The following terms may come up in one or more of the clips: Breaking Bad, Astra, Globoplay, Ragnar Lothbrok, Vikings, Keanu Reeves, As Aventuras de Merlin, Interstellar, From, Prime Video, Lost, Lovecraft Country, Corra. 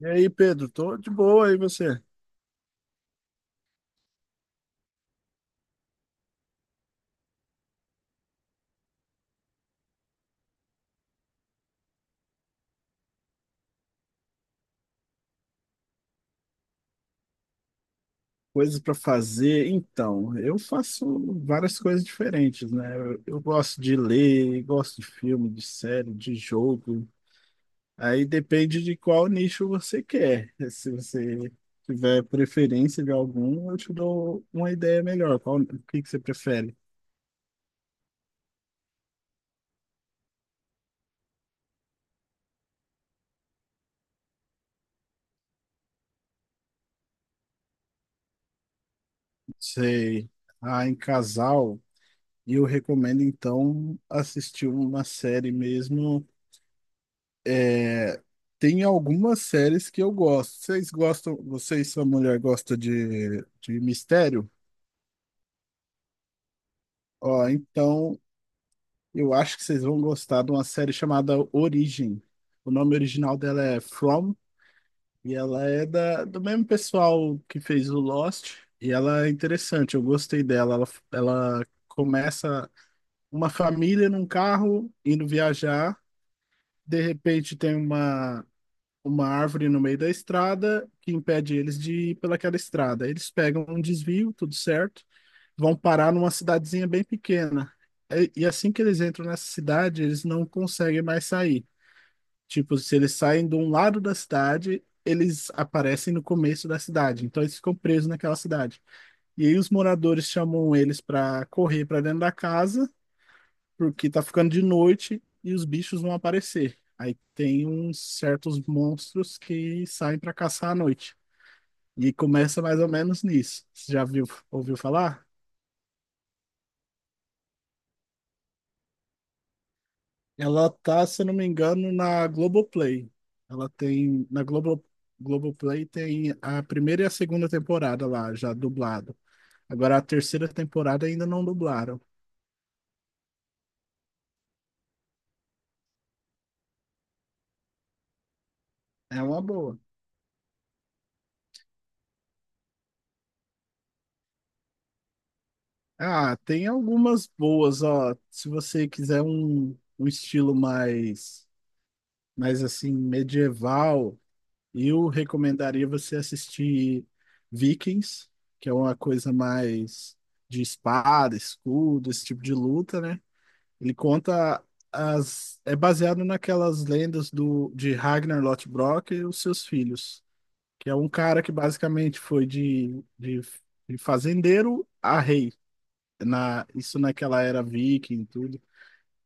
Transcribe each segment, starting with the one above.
E aí, Pedro, tô de boa, aí você? Coisas para fazer? Então, eu faço várias coisas diferentes, né? Eu gosto de ler, gosto de filme, de série, de jogo. Aí depende de qual nicho você quer. Se você tiver preferência de algum, eu te dou uma ideia melhor. Qual, o que que você prefere? Sei. Ah, em casal, eu recomendo então assistir uma série mesmo. É, tem algumas séries que eu gosto. Vocês gostam, você e sua mulher gostam de mistério? Ó, então eu acho que vocês vão gostar de uma série chamada Origem. O nome original dela é From, e ela é da, do mesmo pessoal que fez o Lost, e ela é interessante, eu gostei dela. Ela começa uma família num carro indo viajar, de repente tem uma árvore no meio da estrada que impede eles de ir pelaquela estrada. Eles pegam um desvio, tudo certo, vão parar numa cidadezinha bem pequena. E assim que eles entram nessa cidade, eles não conseguem mais sair. Tipo, se eles saem de um lado da cidade, eles aparecem no começo da cidade. Então eles ficam presos naquela cidade. E aí os moradores chamam eles para correr para dentro da casa porque tá ficando de noite e os bichos vão aparecer. Aí tem uns certos monstros que saem para caçar à noite. E começa mais ou menos nisso. Você já viu, ouviu falar? Ela tá, se eu não me engano, na Globoplay. Ela tem na Globo. Globoplay tem a primeira e a segunda temporada lá já dublado. Agora a terceira temporada ainda não dublaram. É uma boa. Ah, tem algumas boas, ó. Se você quiser um estilo mais mas assim, medieval, eu recomendaria você assistir Vikings, que é uma coisa mais de espada, escudo, esse tipo de luta, né? Ele conta as é baseado naquelas lendas do de Ragnar Lothbrok e os seus filhos, que é um cara que basicamente foi de fazendeiro a rei, na isso naquela era viking e tudo.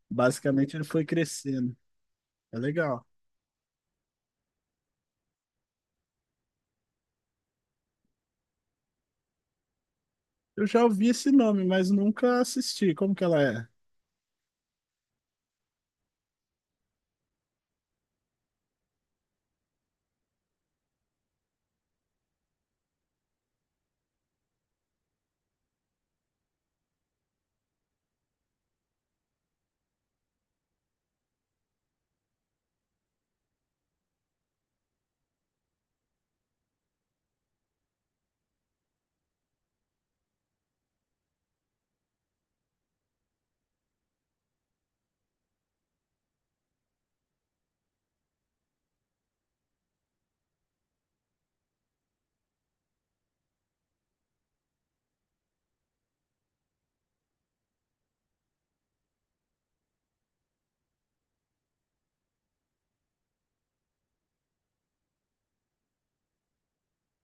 Basicamente ele foi crescendo. É legal. Eu já ouvi esse nome, mas nunca assisti. Como que ela é?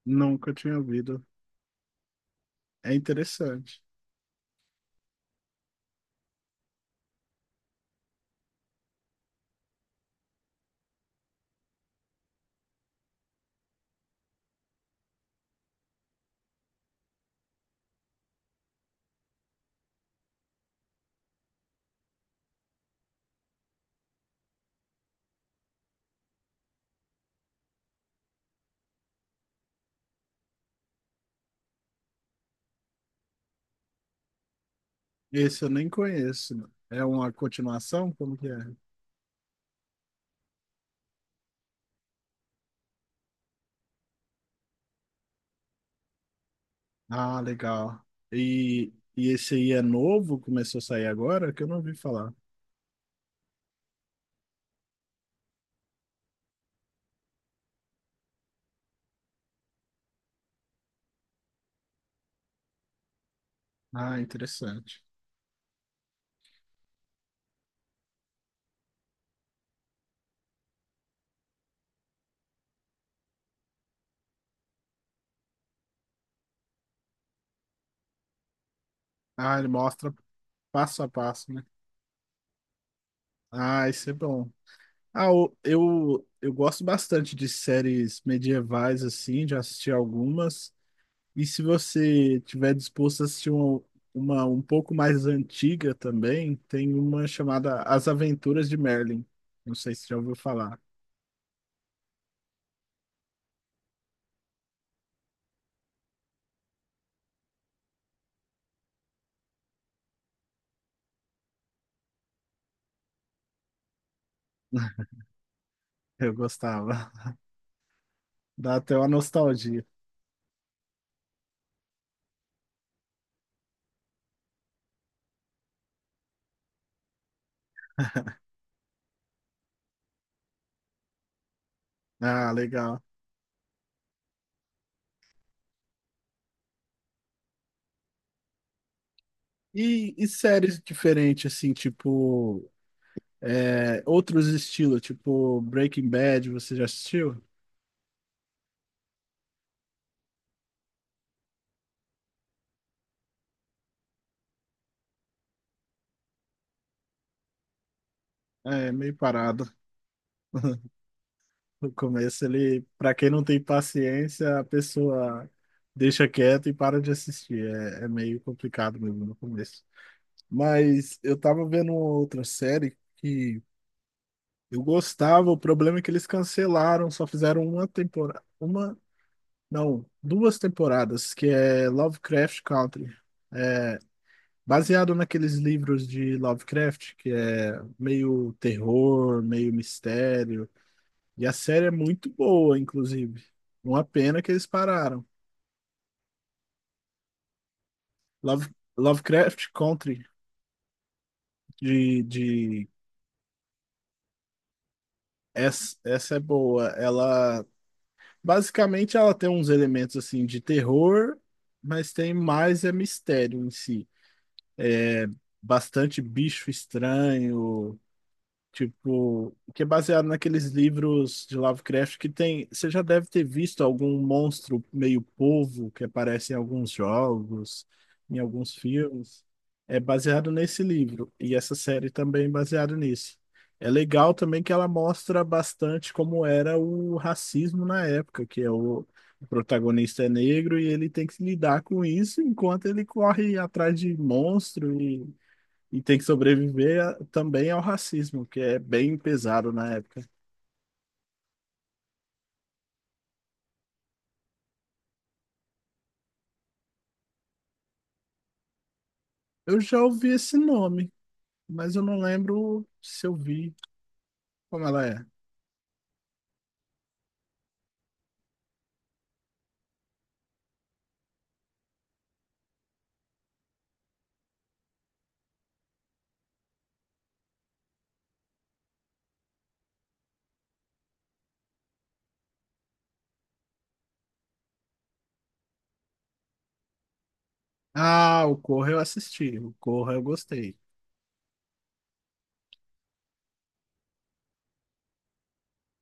Nunca tinha ouvido. É interessante. Esse eu nem conheço. É uma continuação? Como que é? Ah, legal. E, e esse aí é novo? Começou a sair agora? Que eu não ouvi falar. Ah, interessante. Ah, ele mostra passo a passo, né? Ah, isso é bom. Ah, eu gosto bastante de séries medievais, assim, já assisti algumas. E se você tiver disposto a assistir uma um pouco mais antiga também, tem uma chamada As Aventuras de Merlin. Não sei se já ouviu falar. Eu gostava. Dá até uma nostalgia. Ah, legal. E séries diferentes, assim, tipo. É, outros estilos, tipo Breaking Bad, você já assistiu? É meio parado. No começo, ele, para quem não tem paciência, a pessoa deixa quieto e para de assistir. É, é meio complicado mesmo no começo. Mas eu tava vendo uma outra série que eu gostava, o problema é que eles cancelaram, só fizeram uma temporada, uma, não, duas temporadas, que é Lovecraft Country. É, baseado naqueles livros de Lovecraft, que é meio terror, meio mistério. E a série é muito boa, inclusive. Uma pena que eles pararam. Love, Lovecraft Country, de... Essa é boa. Ela, basicamente, ela tem uns elementos, assim, de terror, mas tem mais é mistério em si. Bastante bicho estranho, tipo, que é baseado naqueles livros de Lovecraft que tem. Você já deve ter visto algum monstro meio polvo que aparece em alguns jogos, em alguns filmes. É baseado nesse livro. E essa série também é baseada nisso. É legal também que ela mostra bastante como era o racismo na época, que é o protagonista é negro e ele tem que se lidar com isso enquanto ele corre atrás de monstro e tem que sobreviver a- também ao racismo, que é bem pesado na época. Eu já ouvi esse nome, mas eu não lembro se eu vi como ela é. Ah, o Corra eu assisti, o Corra eu gostei.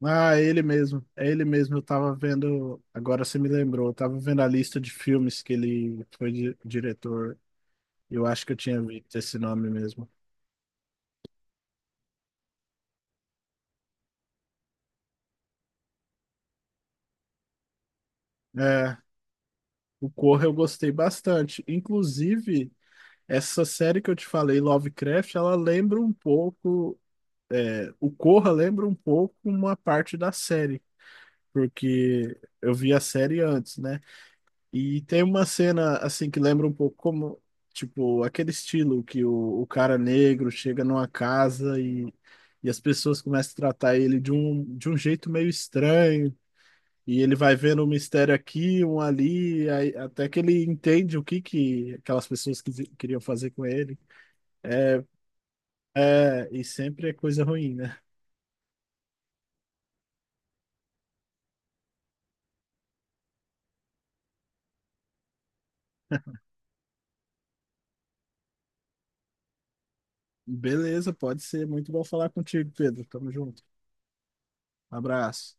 Ah, é ele mesmo, é ele mesmo. Eu tava vendo, agora você me lembrou, eu tava vendo a lista de filmes que ele foi di- diretor. Eu acho que eu tinha visto esse nome mesmo. É, o Corra eu gostei bastante. Inclusive, essa série que eu te falei, Lovecraft, ela lembra um pouco é, o Corra lembra um pouco uma parte da série, porque eu vi a série antes, né? E tem uma cena assim que lembra um pouco como, tipo, aquele estilo que o cara negro chega numa casa e as pessoas começam a tratar ele de um jeito meio estranho. E ele vai vendo um mistério aqui, um ali, aí- até que ele entende o que que aquelas pessoas quisi- queriam fazer com ele. É, e sempre é coisa ruim, né? Beleza, pode ser. Muito bom falar contigo, Pedro. Tamo junto. Abraço.